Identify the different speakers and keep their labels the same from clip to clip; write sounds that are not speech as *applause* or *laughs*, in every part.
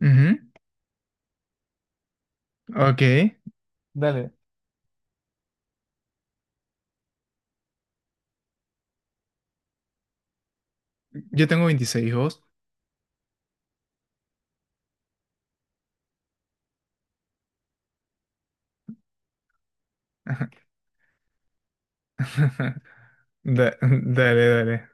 Speaker 1: Ujú. Ok. Dale. Yo tengo 26 hijos. Ajá. *laughs* Dale, dale.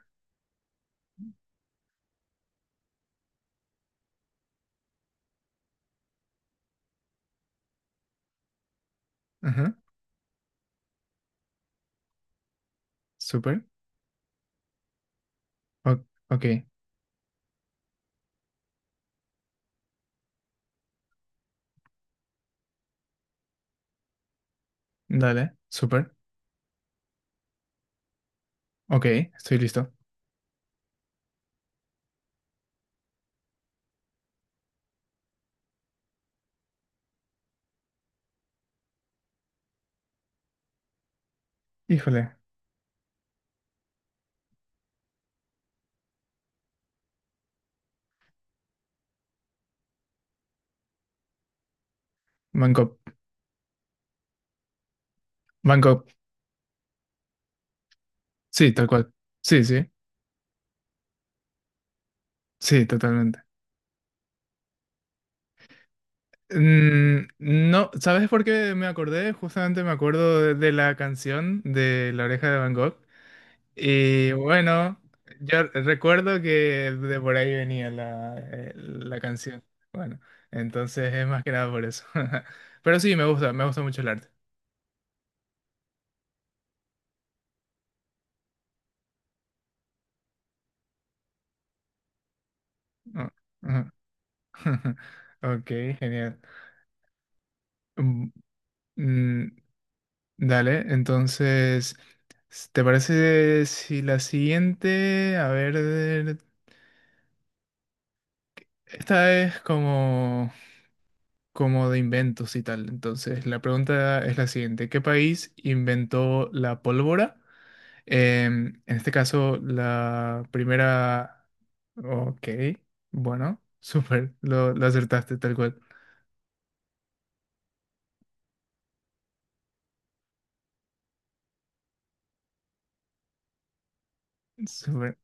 Speaker 1: Ajá. Súper. Ok. Dale. Súper. Ok. Estoy listo. Híjole. Bangkok. Bangkok. Sí, tal cual. Sí, sí. Sí, totalmente. No, ¿sabes por qué me acordé? Justamente me acuerdo de la canción de La Oreja de Bangkok. Y bueno, yo recuerdo que de por ahí venía la canción. Bueno, entonces es más que nada por eso. *laughs* Pero sí, me gusta mucho el arte. Ah, ajá. *laughs* Ok, genial. Mm, mm, Dale, entonces, ¿te parece si la siguiente, a ver, esta es como de inventos y tal? Entonces, la pregunta es la siguiente. ¿Qué país inventó la pólvora? En este caso, la primera... Ok, bueno, *laughs* súper, lo acertaste tal cual. Súper.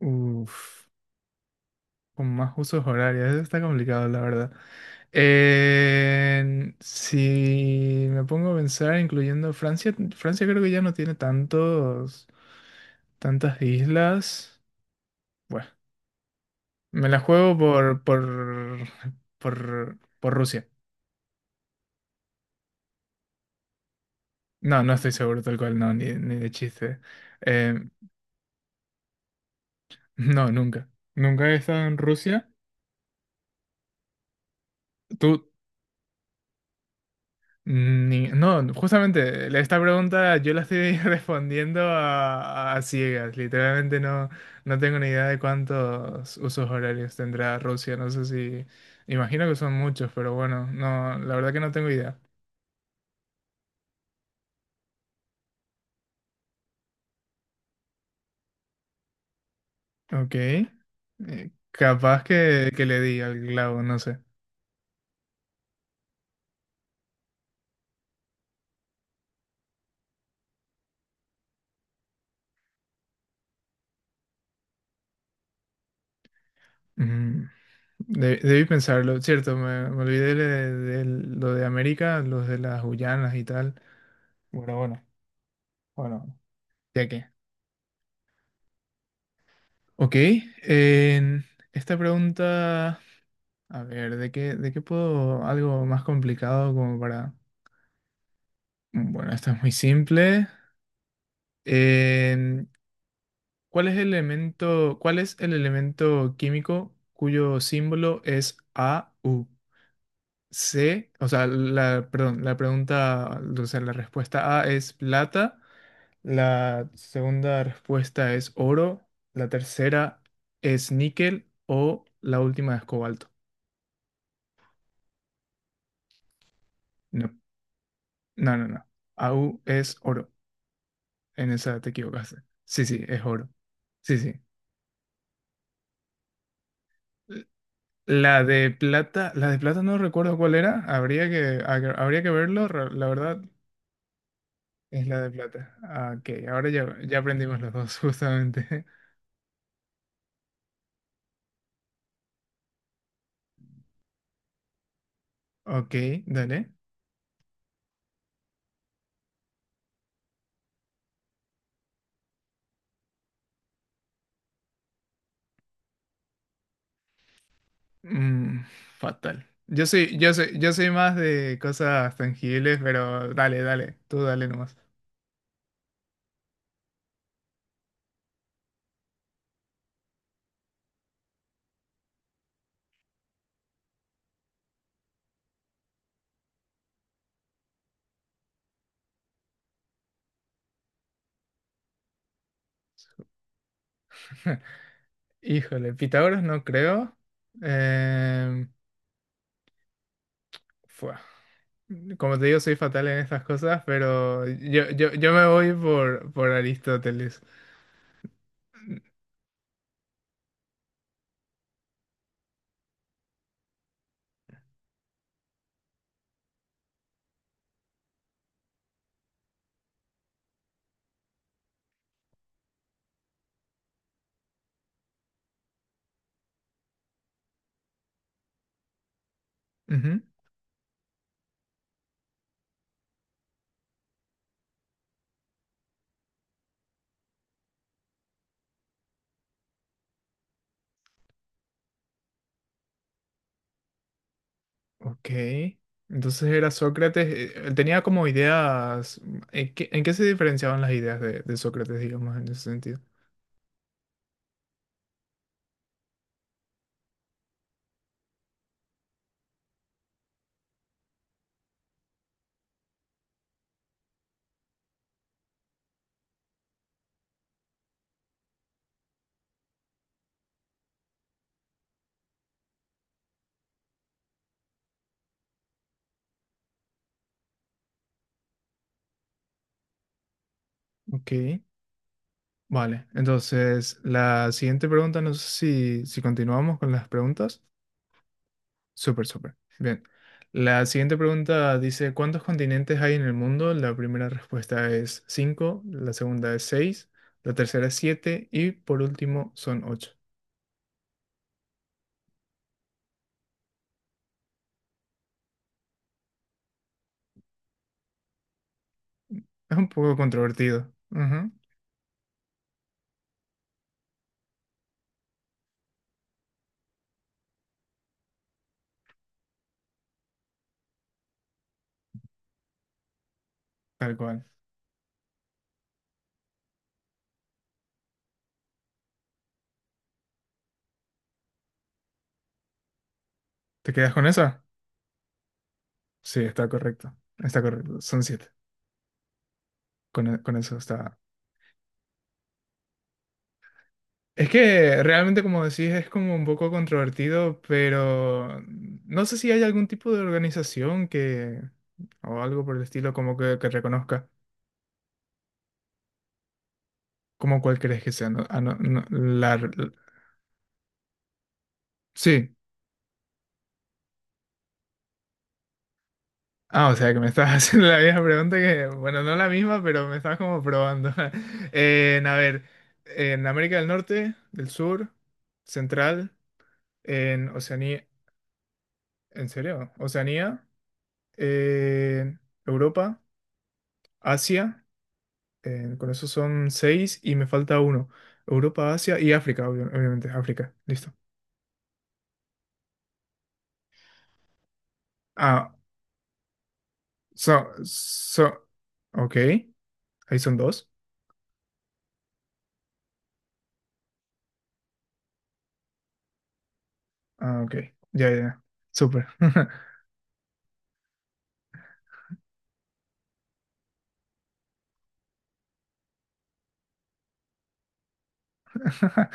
Speaker 1: Uf, con más usos horarios, eso está complicado, la verdad. Si me pongo a pensar, incluyendo Francia, Francia creo que ya no tiene tantas islas. Bueno, me la juego por Rusia. No, no estoy seguro tal cual, no, ni de chiste. Eh, No, nunca. Nunca he estado en Rusia. Tú, ni... No, justamente, esta pregunta yo la estoy *laughs* respondiendo a ciegas. Literalmente no, no tengo ni idea de cuántos usos horarios tendrá Rusia. No sé si... Imagino que son muchos, pero bueno, no, la verdad que no tengo idea. Ok. Capaz que le di al clavo, no sé. Mm, Debí pensarlo. Cierto, me olvidé de lo de América, los de las Guyanas y tal. Bueno, bueno. Bueno, ya que. Ok. En esta pregunta. A ver, de qué puedo? Algo más complicado como para... Bueno, esta es muy simple. En, cuál es el elemento químico cuyo símbolo es Au? C, o sea, la pregunta, o sea, la respuesta A es plata. La segunda respuesta es oro, la tercera es níquel o la última es cobalto. No, no, no, no. Au es oro. En esa te equivocaste. Sí, sí, es oro. Sí, sí. L- la de plata no recuerdo cuál era. Habría que verlo. La verdad es la de plata. Ah, ok, ahora ya aprendimos los dos, *laughs* justamente. Ok, dale. Mm, Fatal. Yo soy más de cosas tangibles, pero dale, dale, tú dale nomás. Híjole, Pitágoras no creo. Em, Fua. Como te digo, soy fatal en estas cosas, pero yo me voy por Aristóteles. Ujú, ok. Entonces era Sócrates. Tenía como ideas. En qué se diferenciaban las ideas de Sócrates, digamos, en ese sentido? Ok. Vale, entonces la siguiente pregunta, no sé si continuamos con las preguntas. Súper, súper. Bien. La siguiente pregunta dice, ¿cuántos continentes hay en el mundo? La primera respuesta es cinco, la segunda es seis, la tercera es 7 y por último son ocho. Es un poco controvertido. Ujú, tal cual. ¿Te quedas con esa? Sí, está correcto. Está correcto. Son siete. Con eso está. Es que realmente, como decís, es como un poco controvertido, pero no sé si hay algún tipo de organización o algo por el estilo, como que reconozca, como cuál crees que sea. No, sí. Ah, o sea, que me estás *laughs* haciendo la misma pregunta que, bueno, no la misma, pero me estás como probando. *laughs* A ver, en América del Norte, del Sur, Central, en Oceanía. ¿En serio? Oceanía, en Europa. Asia. Con eso son seis y me falta uno. Europa, Asia y África, obviamente. África, listo. Ah, so, so, ok. Ahí son dos. Ah, ok. Ya, ya, ya. Súper. *laughs*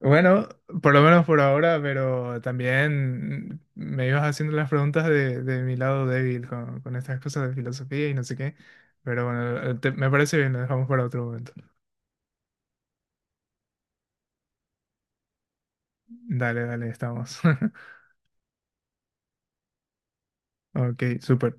Speaker 1: Bueno, por lo menos por ahora, pero también me ibas haciendo las preguntas de mi lado débil con estas cosas de filosofía y no sé qué. Pero bueno, me parece bien, lo dejamos para otro momento. Dale, dale, estamos. *laughs* Ok, súper.